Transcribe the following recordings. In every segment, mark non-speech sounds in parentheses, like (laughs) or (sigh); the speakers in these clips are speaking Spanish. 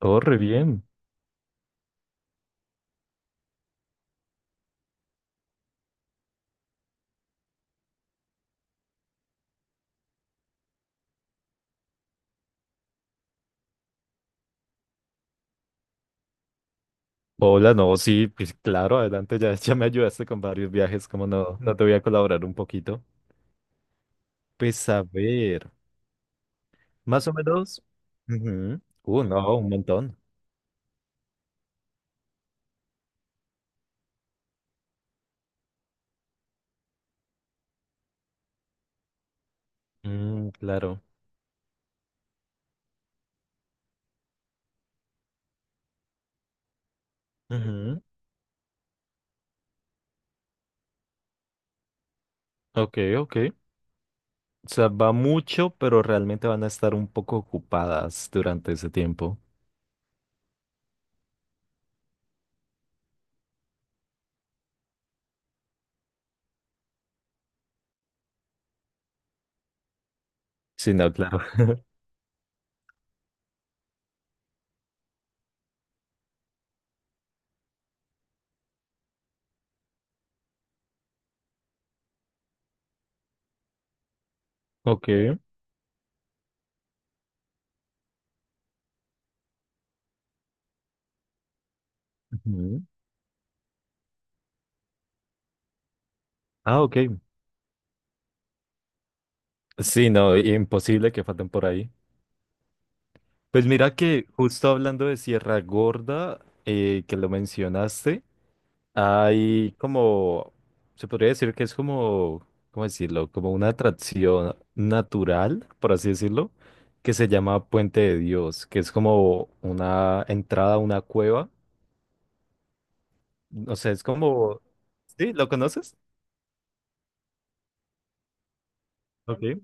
Oh, re bien. Hola, no, sí, pues claro, adelante, ya, (laughs) ya me ayudaste con varios viajes, ¿cómo no? No te voy a colaborar un poquito. Pues a ver, más o menos. Ujú. No, un montón. Mm, claro. Ujú. Ok, ok. O sea, va mucho, pero realmente van a estar un poco ocupadas durante ese tiempo. Sí, no, claro. (laughs) Ok. Ujú. Ah, ok. Sí, no, imposible que falten por ahí. Pues mira que justo hablando de Sierra Gorda, que lo mencionaste, hay como, se podría decir que es como, ¿cómo decirlo? Como una atracción natural, por así decirlo, que se llama Puente de Dios, que es como una entrada a una cueva. O sea, es como, ¿sí? ¿Lo conoces? Ok.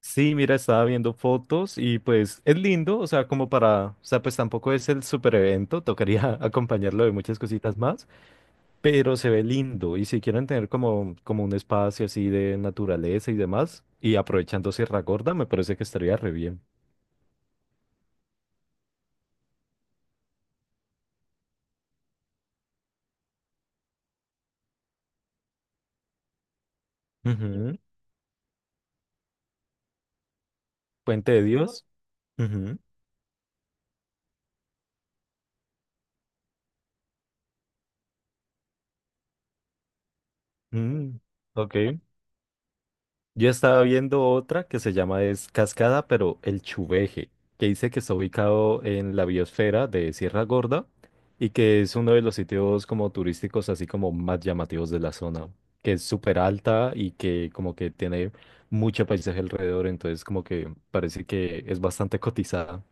Sí, mira, estaba viendo fotos y pues es lindo, o sea, como para, o sea, pues tampoco es el super evento, tocaría (laughs) acompañarlo de muchas cositas más. Pero se ve lindo. Y si quieren tener como, como un espacio así de naturaleza y demás, y aprovechando Sierra Gorda, me parece que estaría re bien. Ujú. Puente de Dios. Ujú. Mm, ok. Yo estaba viendo otra que se llama es Cascada, pero el Chuveje, que dice que está ubicado en la biosfera de Sierra Gorda y que es uno de los sitios como turísticos así como más llamativos de la zona, que es súper alta y que como que tiene mucho paisaje alrededor, entonces como que parece que es bastante cotizada.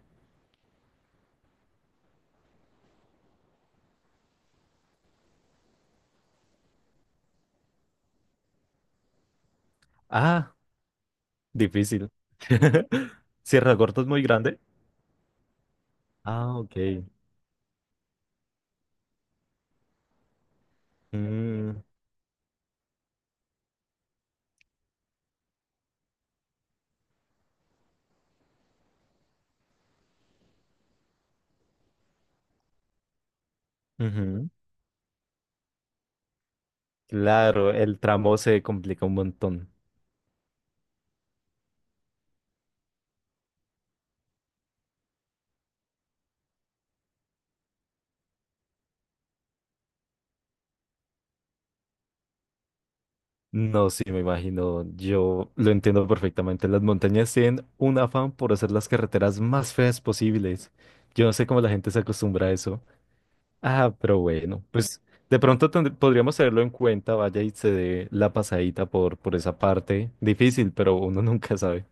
Ah, difícil. (laughs) Sierra Gorda es muy grande. Ah, ok. Mm, ujú. Claro, el tramo se complica un montón. No, sí, me imagino. Yo lo entiendo perfectamente. Las montañas tienen un afán por hacer las carreteras más feas posibles. Yo no sé cómo la gente se acostumbra a eso. Ah, pero bueno, pues de pronto podríamos tenerlo en cuenta. Vaya y se dé la pasadita por esa parte. Difícil, pero uno (laughs) nunca sabe.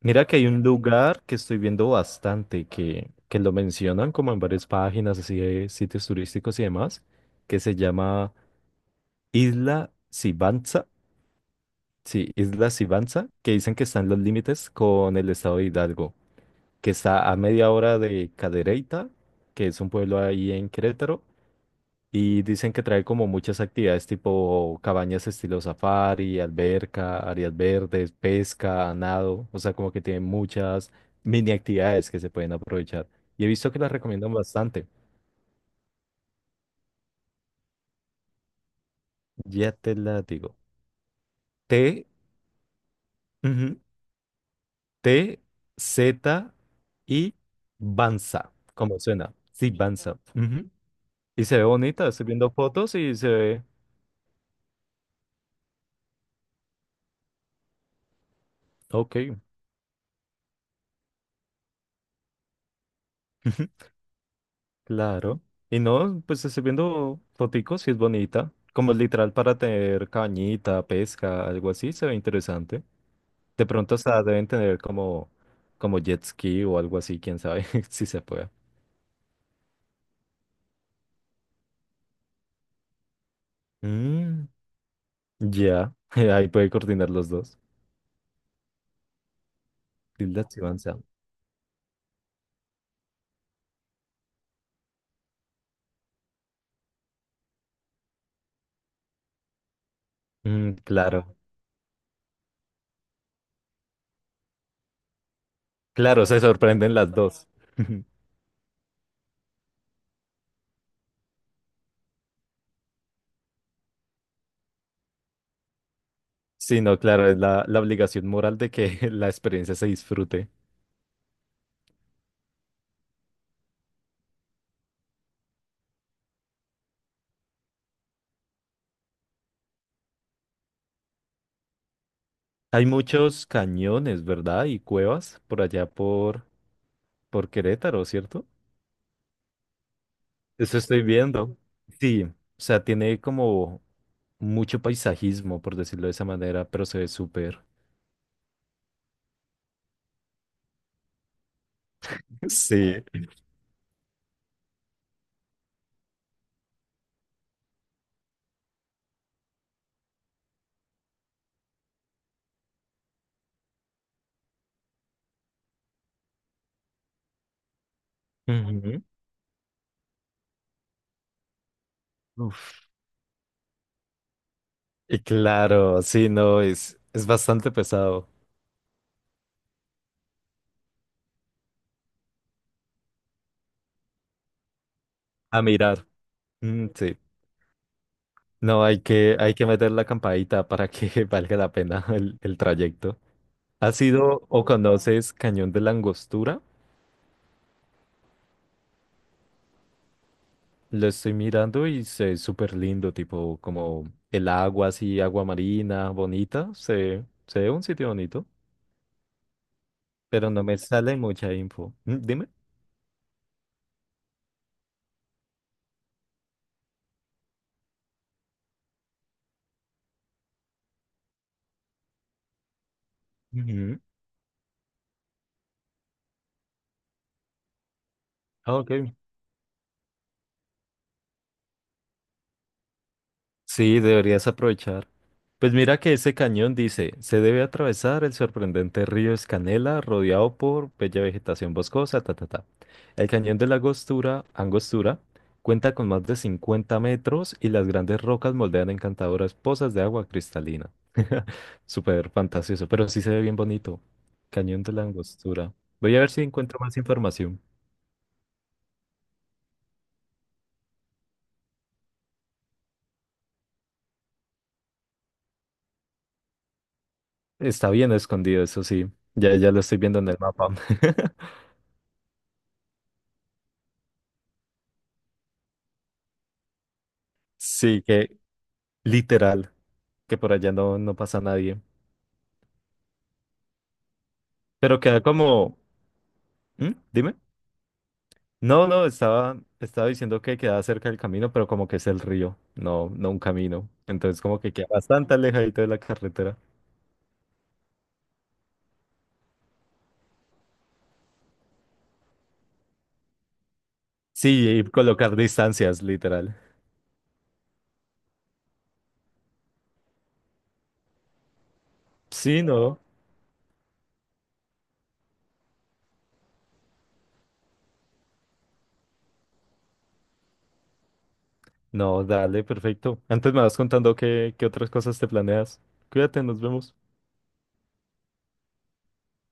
Mira que hay un lugar que estoy viendo bastante, que lo mencionan como en varias páginas, así de sitios turísticos y demás, que se llama Isla Sibanza. Sí, Isla Sibanza, que dicen que están los límites con el estado de Hidalgo, que está a media hora de Cadereyta, que es un pueblo ahí en Querétaro, y dicen que trae como muchas actividades tipo cabañas estilo safari, alberca, áreas verdes, pesca, nado, o sea, como que tiene muchas mini actividades que se pueden aprovechar. Y he visto que las recomiendan bastante, ya te la digo. Te, T, Z y Banza, como suena. Sí, Banza. Ujú. Y se ve bonita, estoy viendo fotos y se ve, ok, (laughs) claro. Y no, pues estoy viendo foticos y es bonita. Como literal para tener cañita, pesca, algo así, se ve interesante. De pronto hasta deben tener como, como jet ski o algo así, quién sabe (laughs) si se puede. Mm, ya, (laughs) ahí puede coordinar los dos. Tilda y Banza. Mm, claro. Claro, se sorprenden las dos. (laughs) Sí, no, claro, es la, la obligación moral de que (laughs) la experiencia se disfrute. Hay muchos cañones, ¿verdad? Y cuevas por allá por Querétaro, ¿cierto? Eso estoy viendo. Sí, o sea, tiene como mucho paisajismo, por decirlo de esa manera, pero se ve súper. (laughs) Sí. Ujú. Uf. Y claro, sí, no, es bastante pesado a mirar. Mm, sí. No, hay que meter la campadita para que (laughs) valga la pena el trayecto. ¿Has sido o conoces Cañón de la Angostura? Lo estoy mirando y se ve súper lindo, tipo como el agua así, agua marina, bonita. Se ve un sitio bonito, pero no me sale mucha info. Mm, dime. Ujú. Ah, ok. Sí, deberías aprovechar. Pues mira que ese cañón dice, se debe atravesar el sorprendente río Escanela, rodeado por bella vegetación boscosa, ta, ta, ta. El cañón de la Angostura, Angostura cuenta con más de 50 metros y las grandes rocas moldean encantadoras pozas de agua cristalina. (laughs) Súper fantasioso, pero sí se ve bien bonito. Cañón de la Angostura. Voy a ver si encuentro más información. Está bien escondido, eso sí. Ya, ya lo estoy viendo en el mapa. (laughs) Sí, que literal. Que por allá no, no pasa nadie. Pero queda como... ¿Mm? Dime. No, no, estaba, estaba diciendo que queda cerca del camino, pero como que es el río, no, no un camino. Entonces como que queda bastante alejadito de la carretera. Sí, y colocar distancias, literal. Sí, no. No, dale, perfecto. Antes me vas contando qué, qué otras cosas te planeas. Cuídate, nos vemos.